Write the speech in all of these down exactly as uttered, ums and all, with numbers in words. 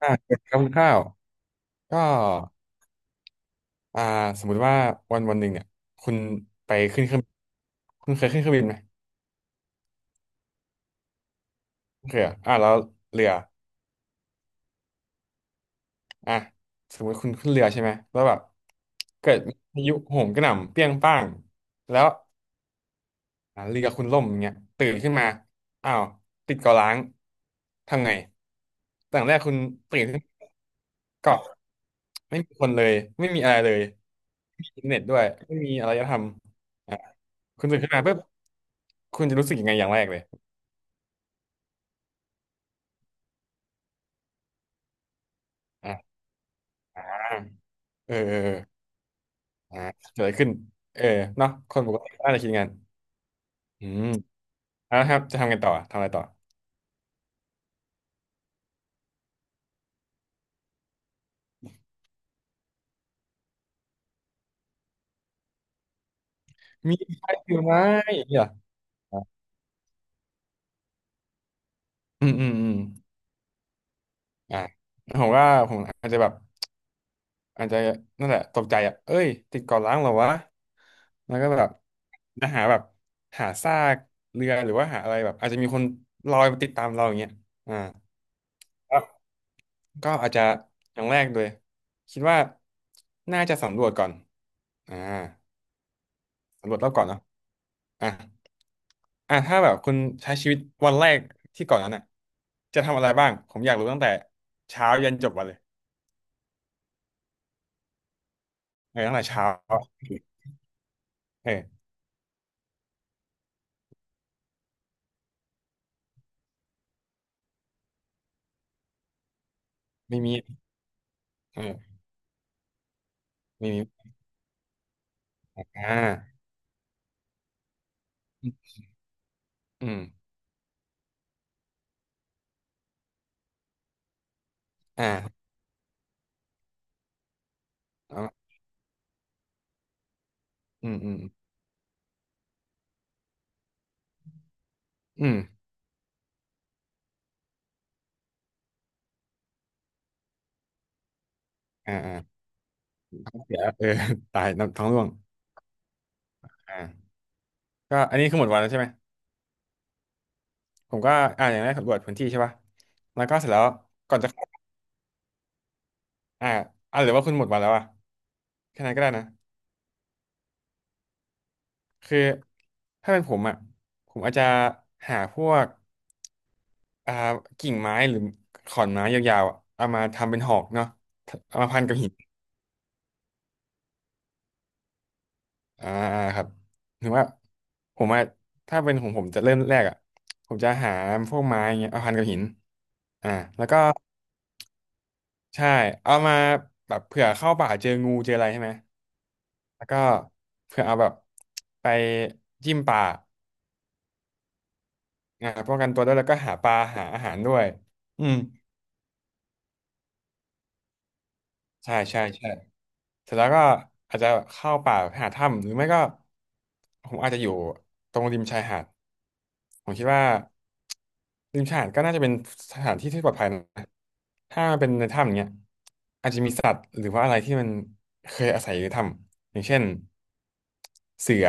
อ่าเกินคร่าวๆก็อ่าสมมุติว่าวันวันหนึ่งเนี่ยคุณไปขึ้นเครื่องคุณเคยขึ้นเครื่องบินไหมโอเคยอะอ่าแล้วเรืออ่ะสมมติคุณขึ้นเรือใช่ไหมแล้วแบบเกิดมีพายุโหมกระหน่ำเปรี้ยงป้างแล้วอ่าเรือคุณล่มอย่างเงี้ยตื่นขึ้นมาอ้าวติดเกาะร้างทำไงแต่อย่างแรกคุณตื่นขึ้นเกาะ ไม่มีคนเลยไม่มีอะไรเลยไม่มีอินเทอร์เน็ตด้วยไม่มีอารยธรรมอ่ะคุณตื่นขึ้นมาปุ๊บคุณจะรู้สึกยังไงอย่างแรกเลยอ่ะเออเออเอออ่ะเกิดอะไรขึ้นเออเนาะคนปกติน่าจะคิดงั้นอืมเอ่ะครับจะทำกันต่อทำอะไรต่อมีใครอยู่ไหมอย่างเงี้ยเหรออ่ะอืมอืมอืมอ่ะผมว่าผมอาจจะแบบ อาจจะนั่นแหละตกใจอ่ะเอ้ยติดเกาะล้างเหรอวะแล้วก็แบบจะหาแบบหาซากเรือหรือว่าหาอะไรแบบอาจจะมีคนลอยมาติดตามเราอย่างเงี้ยอ่าแล้วก็อาจจะอย่างแรกเลยคิดว่าน่าจะสำรวจก่อนอ่าสำรวจรอบเก่อนเนาะอ่ะอ่ะถ้าแบบคุณใช้ชีวิตวันแรกที่เก่อนนั้นอ่ะจะทำอะไรบ้างผมอยากรู้ตั้งแต่เช้ายันจบวันเลยเออตั้งแต่เช้าเออไม่มีเออไม่มีอ่า อืมอ่าเอาอืมอืมอืมอ่าอ่าเสียเออ ตายน้ำท้องร่วงอ่าก็อันนี้คือหมดวันแล้วใช่ไหมผมก็อ่าอย่างแรกสำรวจพื้นที่ใช่ป่ะแล้วก็เสร็จแล้วก่อนจะเข้าอ่าอ่าหรือว่าคุณหมดวันแล้วอ่ะแค่นั้นก็ได้นะคือถ้าเป็นผมอ่ะผมอาจจะหาพวกอ่ากิ่งไม้หรือขอนไม้ยาวๆอะเอามาทำเป็นหอกเนาะเอามาพันกับหิน อ่าครับถึงว่าผมว่าถ้าเป็นของผมจะเริ่มแรกอ่ะผมจะหาพวกไม้เงี้ยเอาพันกับหินอ่าแล้วก็ใช่เอามาแบบเผื่อเข้าป่าเจองูเจออะไรใช่ไหมแล้วก็เผื่อเอาแบบไปจิ้มป่าอ่าป้องกันตัวด้วยแล้วก็หาปลาหาอาหารด้วยอืม ใช่ใช่ใช่เสร็จแล้วก็อาจจะเข้าป่าไปหาถ้ำหรือไม่ก็ผมอาจจะอยู่ตรงริมชายหาดผมคิดว่าริมชายหาดก็น่าจะเป็นสถานที่ที่ปลอดภัยนะถ้ามันเป็นในถ้ำอย่างเงี้ยอาจจะมีสัตว์หรือว่าอะไรที่มันเคยอาศัยอยู่ในถ้ำอย่างเช่นเสือ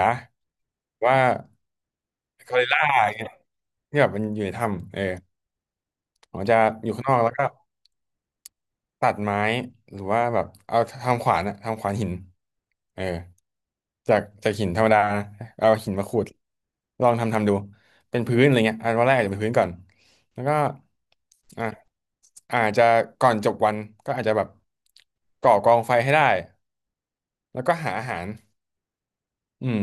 หรือว่ากอริลลาอย่างเงี้ยที่แบบมันอยู่ในถ้ำเออผมจะอยู่ข้างนอกแล้วก็ตัดไม้หรือว่าแบบเอาทำขวานอะทำขวานหิน เออจากจากหินธรรมดานะเอาหินมาขูดลองทำทำดูเป็นพื้นอะไรเงี้ยอันวันแรกอาจจะเป็นพื้นก่อนแล้วก็อ่ะอาจจะก่อนจบวันก็อาจจะแบบก่อกองไฟให้ได้แล้วก็หาอาหารอืม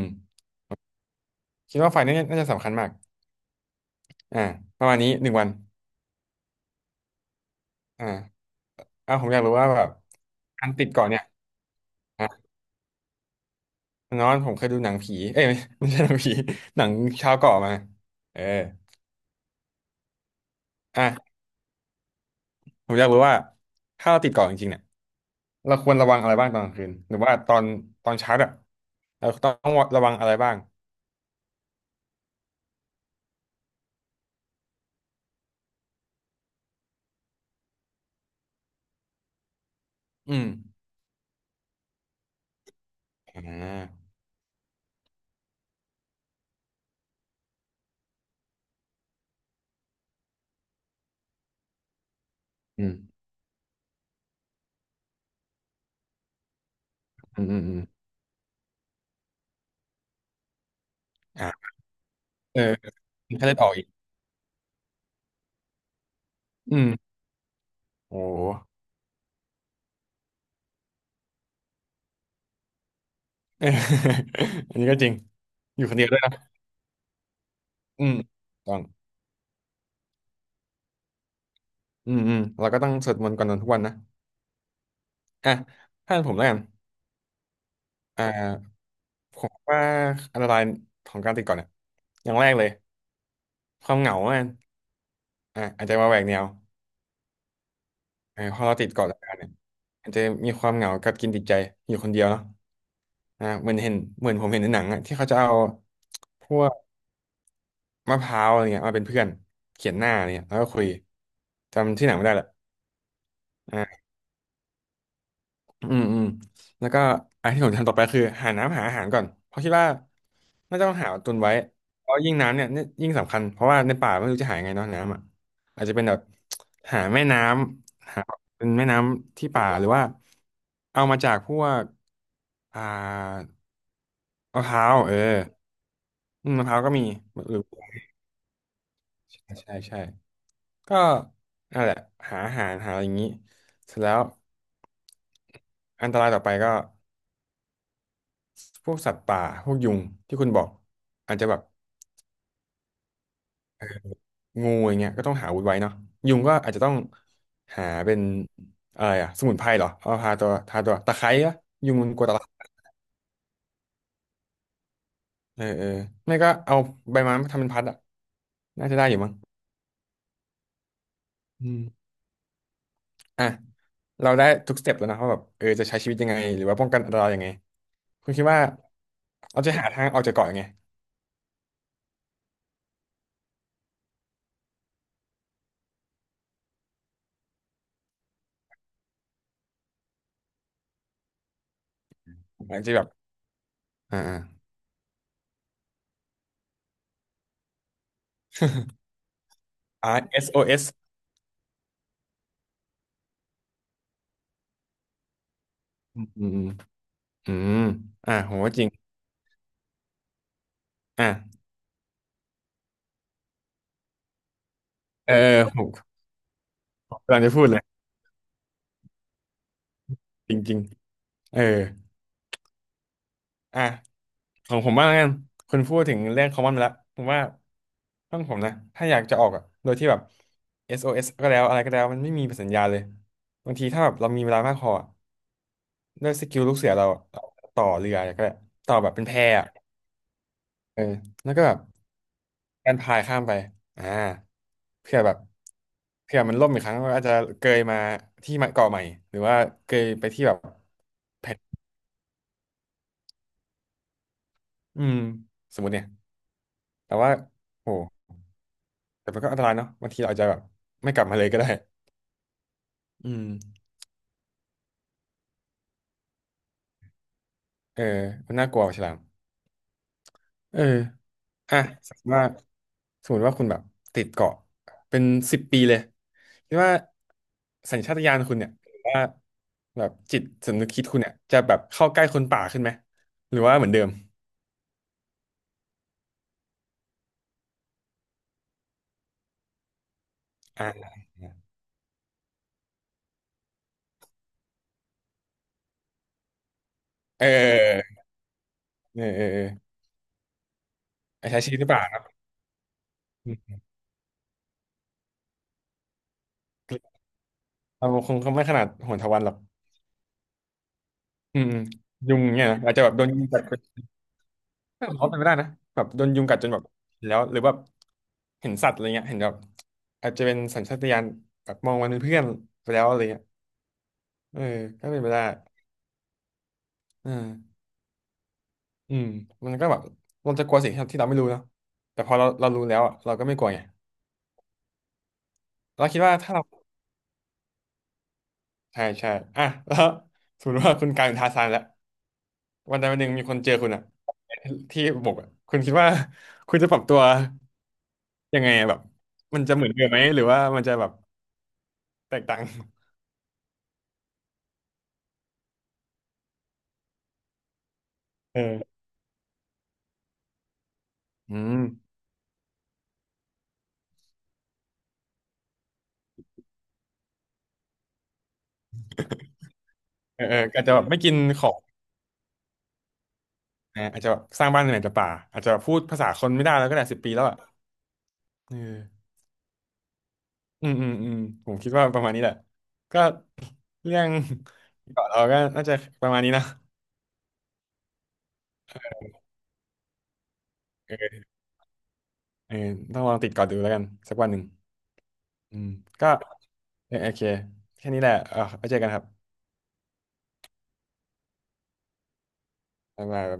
คิดว่าไฟนี่น่าจะสำคัญมากอ่าประมาณนี้หนึ่งวันอ่าอ่าผมอยากรู้ว่าแบบการติดเกาะเนี่ยอ่ะนอนผมเคยดูหนังผีเอ้ยไม่ไม่ใช่หนังผี หนังชาวเกาะมาเอออ่ะผมอยากรู้ว่าถ้าเราติดเกาะจริงๆเนี่ย เราควรระวังอะไรบ้างตอนกลางคืนหรือว่าตอนตอนเช้าอะเราต้องระวังอะไรบ้างอืมอ่าอืมอืมอืมอืมอ่าเออถ้าเลือดออกอีกอืมโอ้โหเออ อันนี้ก็จริงอยู่คนเดียวด้วยนะอืมต้องอืมอืมเราก็ต้องสวดมนต์ก่อนนอนทุกวันนะอ่ะถ้าเป็นผมแล้วกันอ่าผมว่าอันตรายของการติดก่อนเนี่ยอย่างแรกเลยความเหงาอ่ะอ่ะอาจจะมาแหวกแนว เออพอเราติดเกาะรายการเนี่ยอาจจะมีความเหงากับกินติดใจอยู่คนเดียวเนาะอ่าเหมือนเห็นเหมือนผมเห็นในหนังอะที่เขาจะเอาพวกมะพร้าวอะไรเงี้ยมาเป็นเพื่อนเขียนหน้าอะไรเงี้ยแล้วก็คุยจำที่หนังไม่ได้ละ อืมอืมแล้วก็อันที่ผมทำต่อไปคือหาน้ำหาอาหารก่อนเพราะคิดว่าน่าจะต้องหาตุนไว้เพราะยิ่งน้ำเนี่ยนี่ยิ่งสำคัญเพราะว่าในป่าไม่รู้จะหายังไงเนาะน้ำอ่ะอาจจะเป็นแบบหาแม่น้ำหาเป็นแม่น้ำที่ป่าหรือว่าเอามาจากพวกอ่ามะพร้าวเอออืมมะพร้าวก็มีหรือใช่ใช่ใช่ก็นั่นแหละหาอาหารหาอะไรอย่างนี้เสร็จแล้วอันตรายต่อไปก็ พวกสัตว์ป่าพวกยุงที่คุณบอกอาจจะแบบเอองูอย่างเงี้ยก็ต้องหาอาวุธไว้เนาะยุงก็อาจจะต้องหาเป็นอะไรอะสมุนไพรเหรอเอาทาตัวทาตัวตะไคร้อะยุงมันกลัวตะไคร้เออเออไม่ก็เอาใบไม้มาทำเป็นพัดอะน่าจะได้อยู่มั้งอืมอ่ะเราได้ทุกสเต็ปแล้วนะว่าแบบเออจะใช้ชีวิตยังไงหรือว่าป้องกันอันตรายยังไงคุณคิดว่าเราจะหาทางออกจากเกาะยังไงอาจจะแบบอ่าอ่า อาร์ เอส โอ เอส อสโอเอสอืมอืมอืมอ่าโหจริงอ่าเออผม กำลังจะพูดเลยจริงๆเอออ่ะของผมบ้างแล้วกันคุณพูดถึงเรื่อง common ไปแล้วผมว่าห้องผมนะถ้าอยากจะออกอ่ะโดยที่แบบ เอส โอ เอส ก็แล้วอะไรก็แล้วมันไม่มีสัญญาณเลยบางทีถ้าแบบเรามีเวลามากพออะด้วยสกิลลูกเสือเราอะเราต่อเรือก็ได้ต่อแบบเป็นแพอะเออแล้วก็แบบการพายข้ามไปอ่าเพื่อแบบเพื่อมันล่มอีกครั้งก็อาจจะเกยมาที่เกาะใหม่หรือว่าเกยไปที่แบบแผ่นอืมสมมติเนี่ย แต่ว่าโอ้แต่มันก็อันตรายเนาะบางทีเราอาจจะแบบไม่กลับมาเลยก็ได้อืมเออมันน่ากลัวกว่าฉลามเอออ่ะสมมติว่าสมมติว่าคุณแบบติดเกาะเป็นสิบปีเลยคิดว่าสัญชาตญาณคุณเนี่ยหรือว่าแบบจิตสำนึกคิดคุณเนี่ยจะแบบเข้าใกล้คนป่าขึ้นไหมหรือว่าเหมือนเดิมอ่าเออเออเออเออใช้ชีวิตหรือเปล่าครับอืมเราคงคงไม่ขนาดโหนทวันหรอกอืมอืมยุงเนี่ยนะอาจจะแบบโดนยุงกัด เออผมว่าเป็นไม่ได้นะแบบโดนยุงกัดจนแบบแล้วหรือแบบเห็นสัตว์อะไรเงี้ยเห็นแบบอาจจะเป็นสัญชาตญาณแบบมองมันเป็นเพื่อนไปแล้วอะไรเงี้ยเออก็เป็นไปได้อ่าอืมมันก็แบบเราจะกลัวสิ่งที่เราที่เราไม่รู้เนาะแต่พอเราเรารู้แล้วอะเราก็ไม่กลัวไงเราคิดว่าถ้าเราใช่ใช่อ่ะ แล้วสมมติว่าคุณกลายเป็นทาร์ซานแล้ววันใดวันหนึ่งมีคนเจอคุณอะที่บกอะคุณคิดว่า คุณจะปรับตัวยังไงอะแบบมันจะเหมือนเดิมไหมหรือว่ามันจะแบบแตกต่างเอออืม เออเอออาจจะแบบไม่กินของนะอาจจะแบบสร้างบ้านในไหนแต่ป่าอาจจะพูดภาษาคนไม่ได้แล้วก็ได้สิบปีแล้วอ่ะเอออืมอืมอืมผมคิดว่าประมาณนี้แหละก็เรื่องเกาะเราก็น่าจะประมาณนี้นะเออเออต้องลองติดเกาะดูแล้วกันสักวันหนึ่งอืมก็เออโอเคแค่นี้แหละเออไปเจอกันครับบ๊ายบาย